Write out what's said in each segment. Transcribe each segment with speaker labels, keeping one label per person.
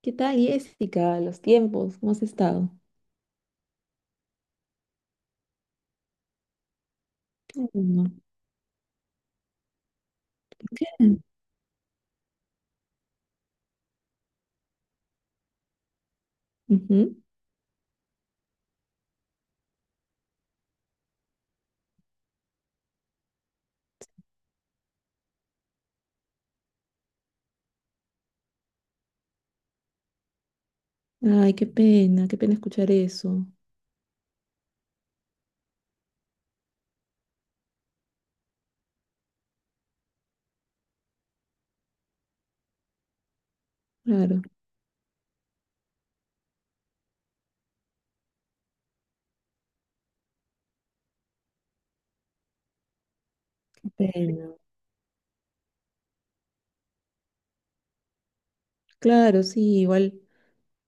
Speaker 1: ¿Qué tal, Jessica? Los tiempos, ¿cómo has estado? Bueno, bien. Ujú. Ay, qué pena escuchar eso. Claro. Qué pena. Claro, sí, igual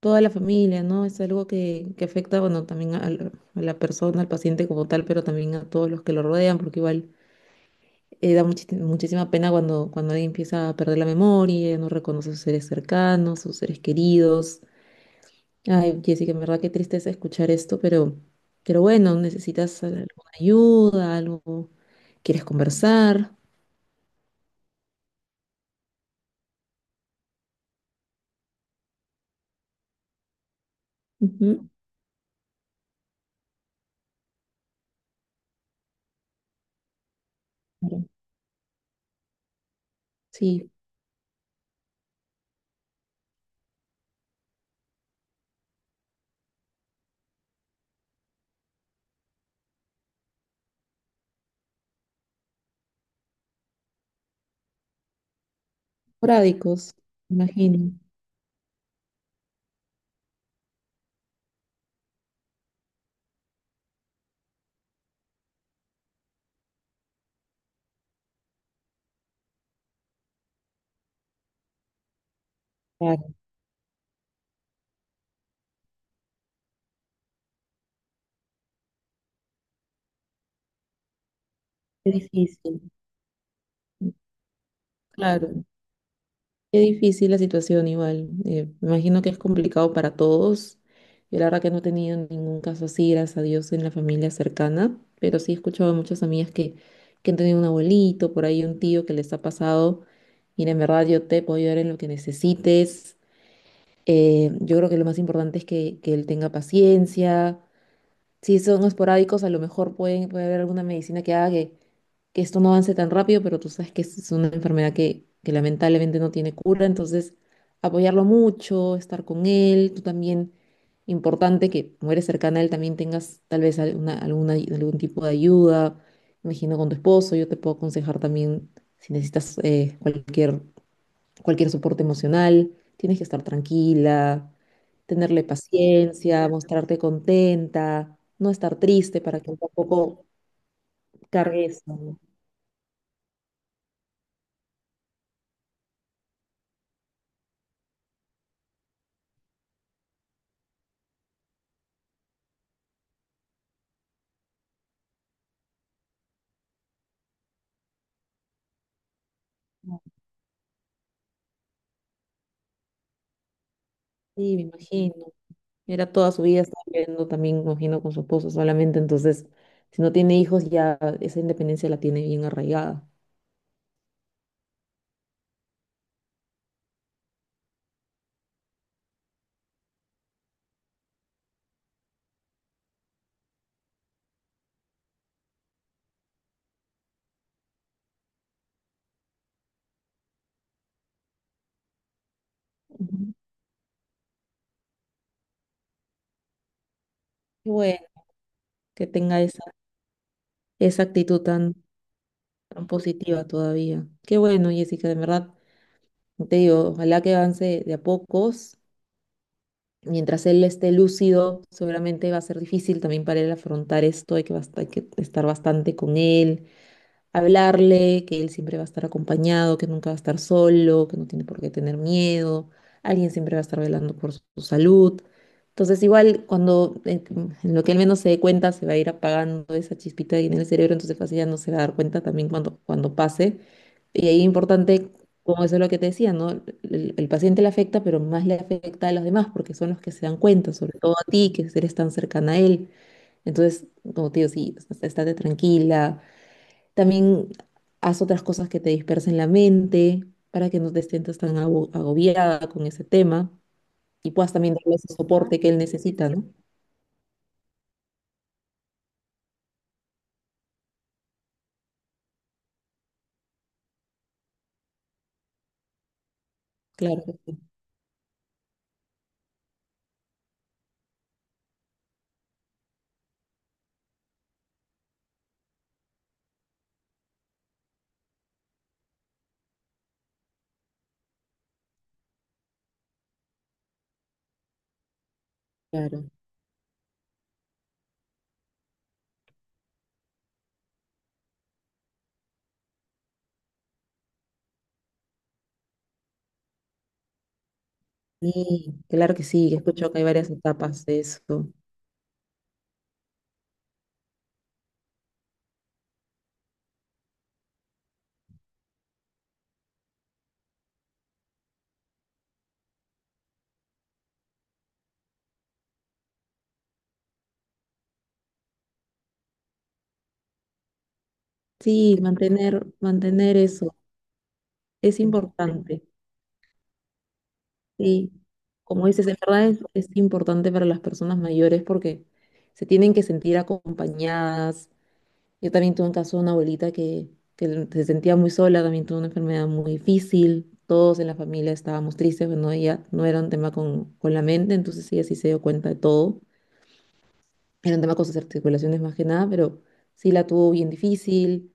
Speaker 1: toda la familia, ¿no? Es algo que afecta, bueno, también a la persona, al paciente como tal, pero también a todos los que lo rodean, porque igual da muchísima pena cuando, cuando alguien empieza a perder la memoria, no reconoce a sus seres cercanos, sus seres queridos. Ay, Jessica, en verdad qué tristeza escuchar esto, pero bueno, necesitas alguna ayuda, algo, quieres conversar. Ujú, claro. Sí, esporádicos, imagino. Claro, qué difícil. Claro, qué difícil la situación igual. Me imagino que es complicado para todos. Yo la verdad que no he tenido ningún caso así, gracias a Dios, en la familia cercana, pero sí he escuchado a muchas amigas que han tenido un abuelito, por ahí un tío que les ha pasado. Mira, en verdad yo te puedo ayudar en lo que necesites. Yo creo que lo más importante es que él tenga paciencia, si son esporádicos, a lo mejor pueden, puede haber alguna medicina que haga que esto no avance tan rápido, pero tú sabes que es una enfermedad que lamentablemente no tiene cura, entonces apoyarlo mucho, estar con él, tú también, importante que como eres cercana a él también tengas tal vez alguna, alguna, algún tipo de ayuda, imagino con tu esposo, yo te puedo aconsejar también si necesitas cualquier soporte emocional, tienes que estar tranquila, tenerle paciencia, mostrarte contenta, no estar triste para que tampoco cargue eso. ¿No? Sí, me imagino. Era toda su vida, estaba viviendo también, me imagino, con su esposo solamente, entonces, si no tiene hijos, ya esa independencia la tiene bien arraigada. Ujú. Qué bueno que tenga esa, esa actitud tan, tan positiva todavía. Qué bueno, Jessica, de verdad. Te digo, ojalá que avance de a pocos. Mientras él esté lúcido, seguramente va a ser difícil también para él afrontar esto, hay que, hay que estar bastante con él, hablarle, que él siempre va a estar acompañado, que nunca va a estar solo, que no tiene por qué tener miedo, alguien siempre va a estar velando por su salud. Entonces, igual cuando en lo que él menos se dé cuenta, se va a ir apagando esa chispita ahí en el cerebro, entonces fácil ya no se va a dar cuenta también cuando, cuando pase. Y ahí es importante, como eso es lo que te decía, ¿no? El paciente le afecta, pero más le afecta a los demás porque son los que se dan cuenta, sobre todo a ti, que eres tan cercana a él. Entonces, como te digo, sí, o sea, estate tranquila, también haz otras cosas que te dispersen la mente para que no te sientas tan agobiada con ese tema y puedas también darle ese soporte que él necesita, ¿no? Claro que sí, claro. Sí, claro que sí, escucho que hay varias etapas de eso. Sí, mantener, mantener eso es importante. Sí, como dices, en verdad es importante para las personas mayores porque se tienen que sentir acompañadas. Yo también tuve un caso de una abuelita que se sentía muy sola, también tuvo una enfermedad muy difícil, todos en la familia estábamos tristes, bueno, ella no era un tema con la mente, entonces ella sí se dio cuenta de todo, era un tema con sus articulaciones más que nada, pero sí la tuvo bien difícil.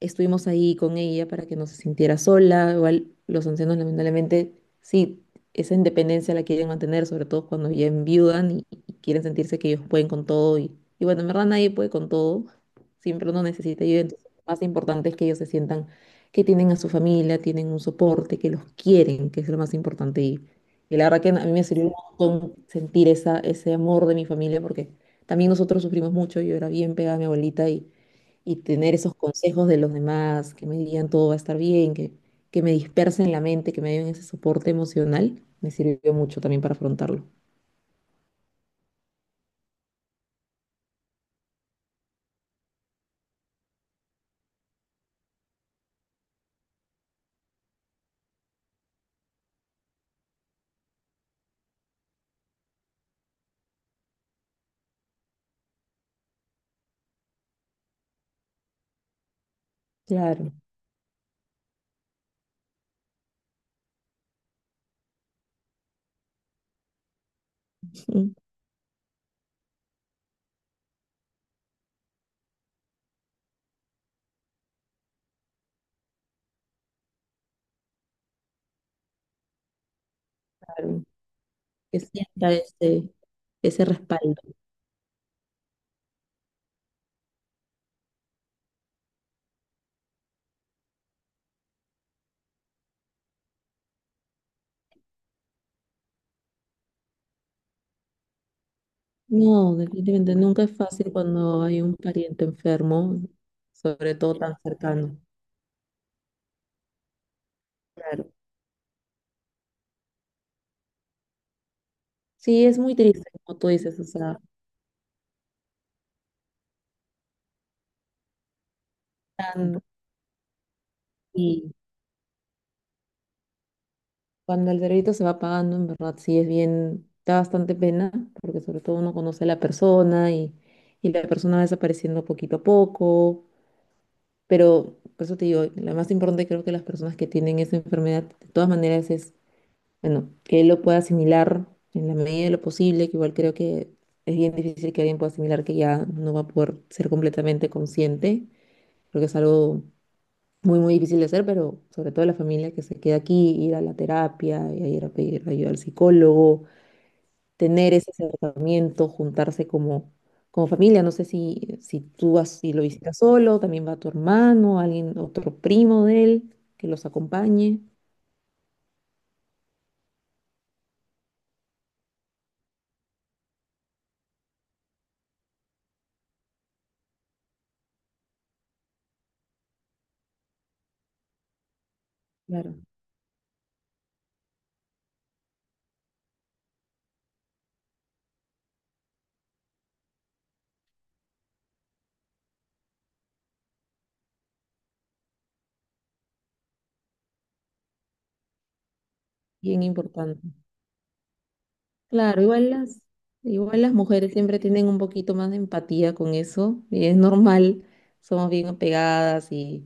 Speaker 1: Estuvimos ahí con ella para que no se sintiera sola. Igual los ancianos, lamentablemente, sí, esa independencia la quieren mantener, sobre todo cuando ya enviudan y quieren sentirse que ellos pueden con todo. Y bueno, en verdad nadie puede con todo. Siempre uno necesita ayuda. Entonces, lo más importante es que ellos se sientan que tienen a su familia, tienen un soporte, que los quieren, que es lo más importante. Y la verdad que a mí me sirvió un montón sentir esa, ese amor de mi familia, porque también nosotros sufrimos mucho. Yo era bien pegada a mi abuelita y tener esos consejos de los demás que me digan todo va a estar bien, que me dispersen la mente, que me den ese soporte emocional, me sirvió mucho también para afrontarlo. Claro, mm, claro, que sienta ese, ese respaldo. No, definitivamente nunca es fácil cuando hay un pariente enfermo, sobre todo tan cercano. Claro. Sí, es muy triste, como tú dices, o sea, tan, cuando el delito se va pagando, en verdad sí es bien, da bastante pena, porque sobre todo uno conoce a la persona y la persona va desapareciendo poquito a poco. Pero por eso te digo, lo más importante creo que las personas que tienen esa enfermedad, de todas maneras, es, bueno, que él lo pueda asimilar en la medida de lo posible, que igual creo que es bien difícil que alguien pueda asimilar que ya no va a poder ser completamente consciente. Creo que es algo muy, muy difícil de hacer, pero sobre todo la familia que se queda aquí, ir a la terapia, y a ir a pedir ayuda al psicólogo, tener ese acercamiento, juntarse como, como familia. No sé si, si tú vas y lo visitas solo, también va tu hermano, alguien, otro primo de él que los acompañe. Claro. Bien importante. Claro, igual las mujeres siempre tienen un poquito más de empatía con eso y es normal, somos bien apegadas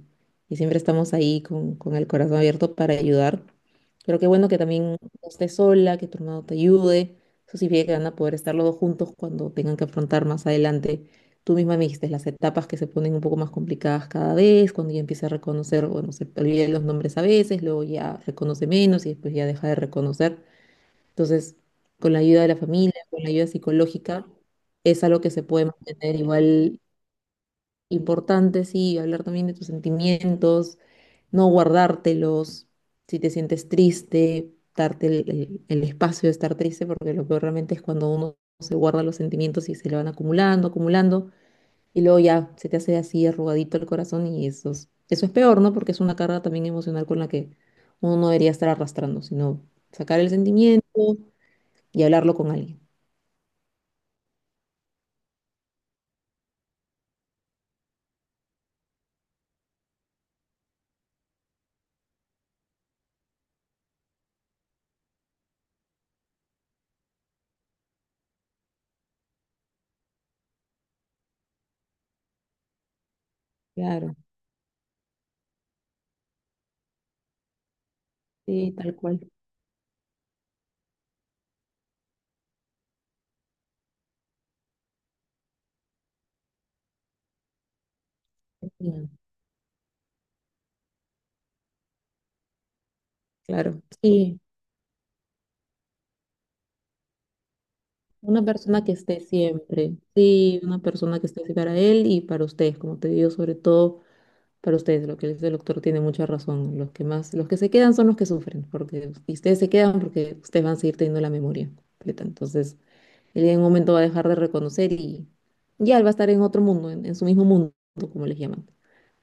Speaker 1: y siempre estamos ahí con el corazón abierto para ayudar. Pero qué bueno que también no estés sola, que tu hermano te ayude. Eso significa que van a poder estar los dos juntos cuando tengan que afrontar más adelante. Tú misma me dijiste las etapas que se ponen un poco más complicadas cada vez, cuando ya empieza a reconocer, bueno, se olvida los nombres a veces, luego ya reconoce menos y después ya deja de reconocer. Entonces, con la ayuda de la familia, con la ayuda psicológica, es algo que se puede mantener igual importante, sí, hablar también de tus sentimientos, no guardártelos, si te sientes triste, darte el espacio de estar triste, porque lo peor realmente es cuando uno se guarda los sentimientos y se le van acumulando, acumulando, y luego ya se te hace así arrugadito el corazón y eso es peor, ¿no? Porque es una carga también emocional con la que uno no debería estar arrastrando, sino sacar el sentimiento y hablarlo con alguien. Claro, sí, tal cual. Ya, claro, sí, una persona que esté siempre, sí, una persona que esté así para él y para ustedes, como te digo, sobre todo para ustedes, lo que dice el doctor tiene mucha razón, los que más, los que se quedan son los que sufren, porque y ustedes se quedan porque ustedes van a seguir teniendo la memoria completa, entonces él en un momento va a dejar de reconocer y ya él va a estar en otro mundo, en su mismo mundo, como les llaman,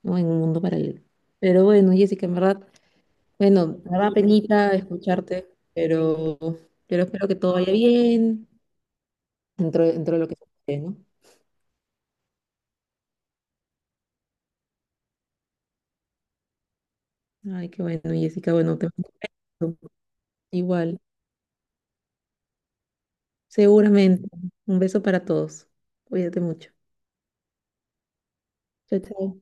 Speaker 1: ¿no? En un mundo paralelo. Pero bueno, Jessica, en verdad, bueno, me da penita escucharte, pero espero que todo vaya bien dentro, dentro de lo que se puede, ¿no? Ay, qué bueno, Jessica, bueno, te igual, seguramente. Un beso para todos. Cuídate mucho. Chao, chao.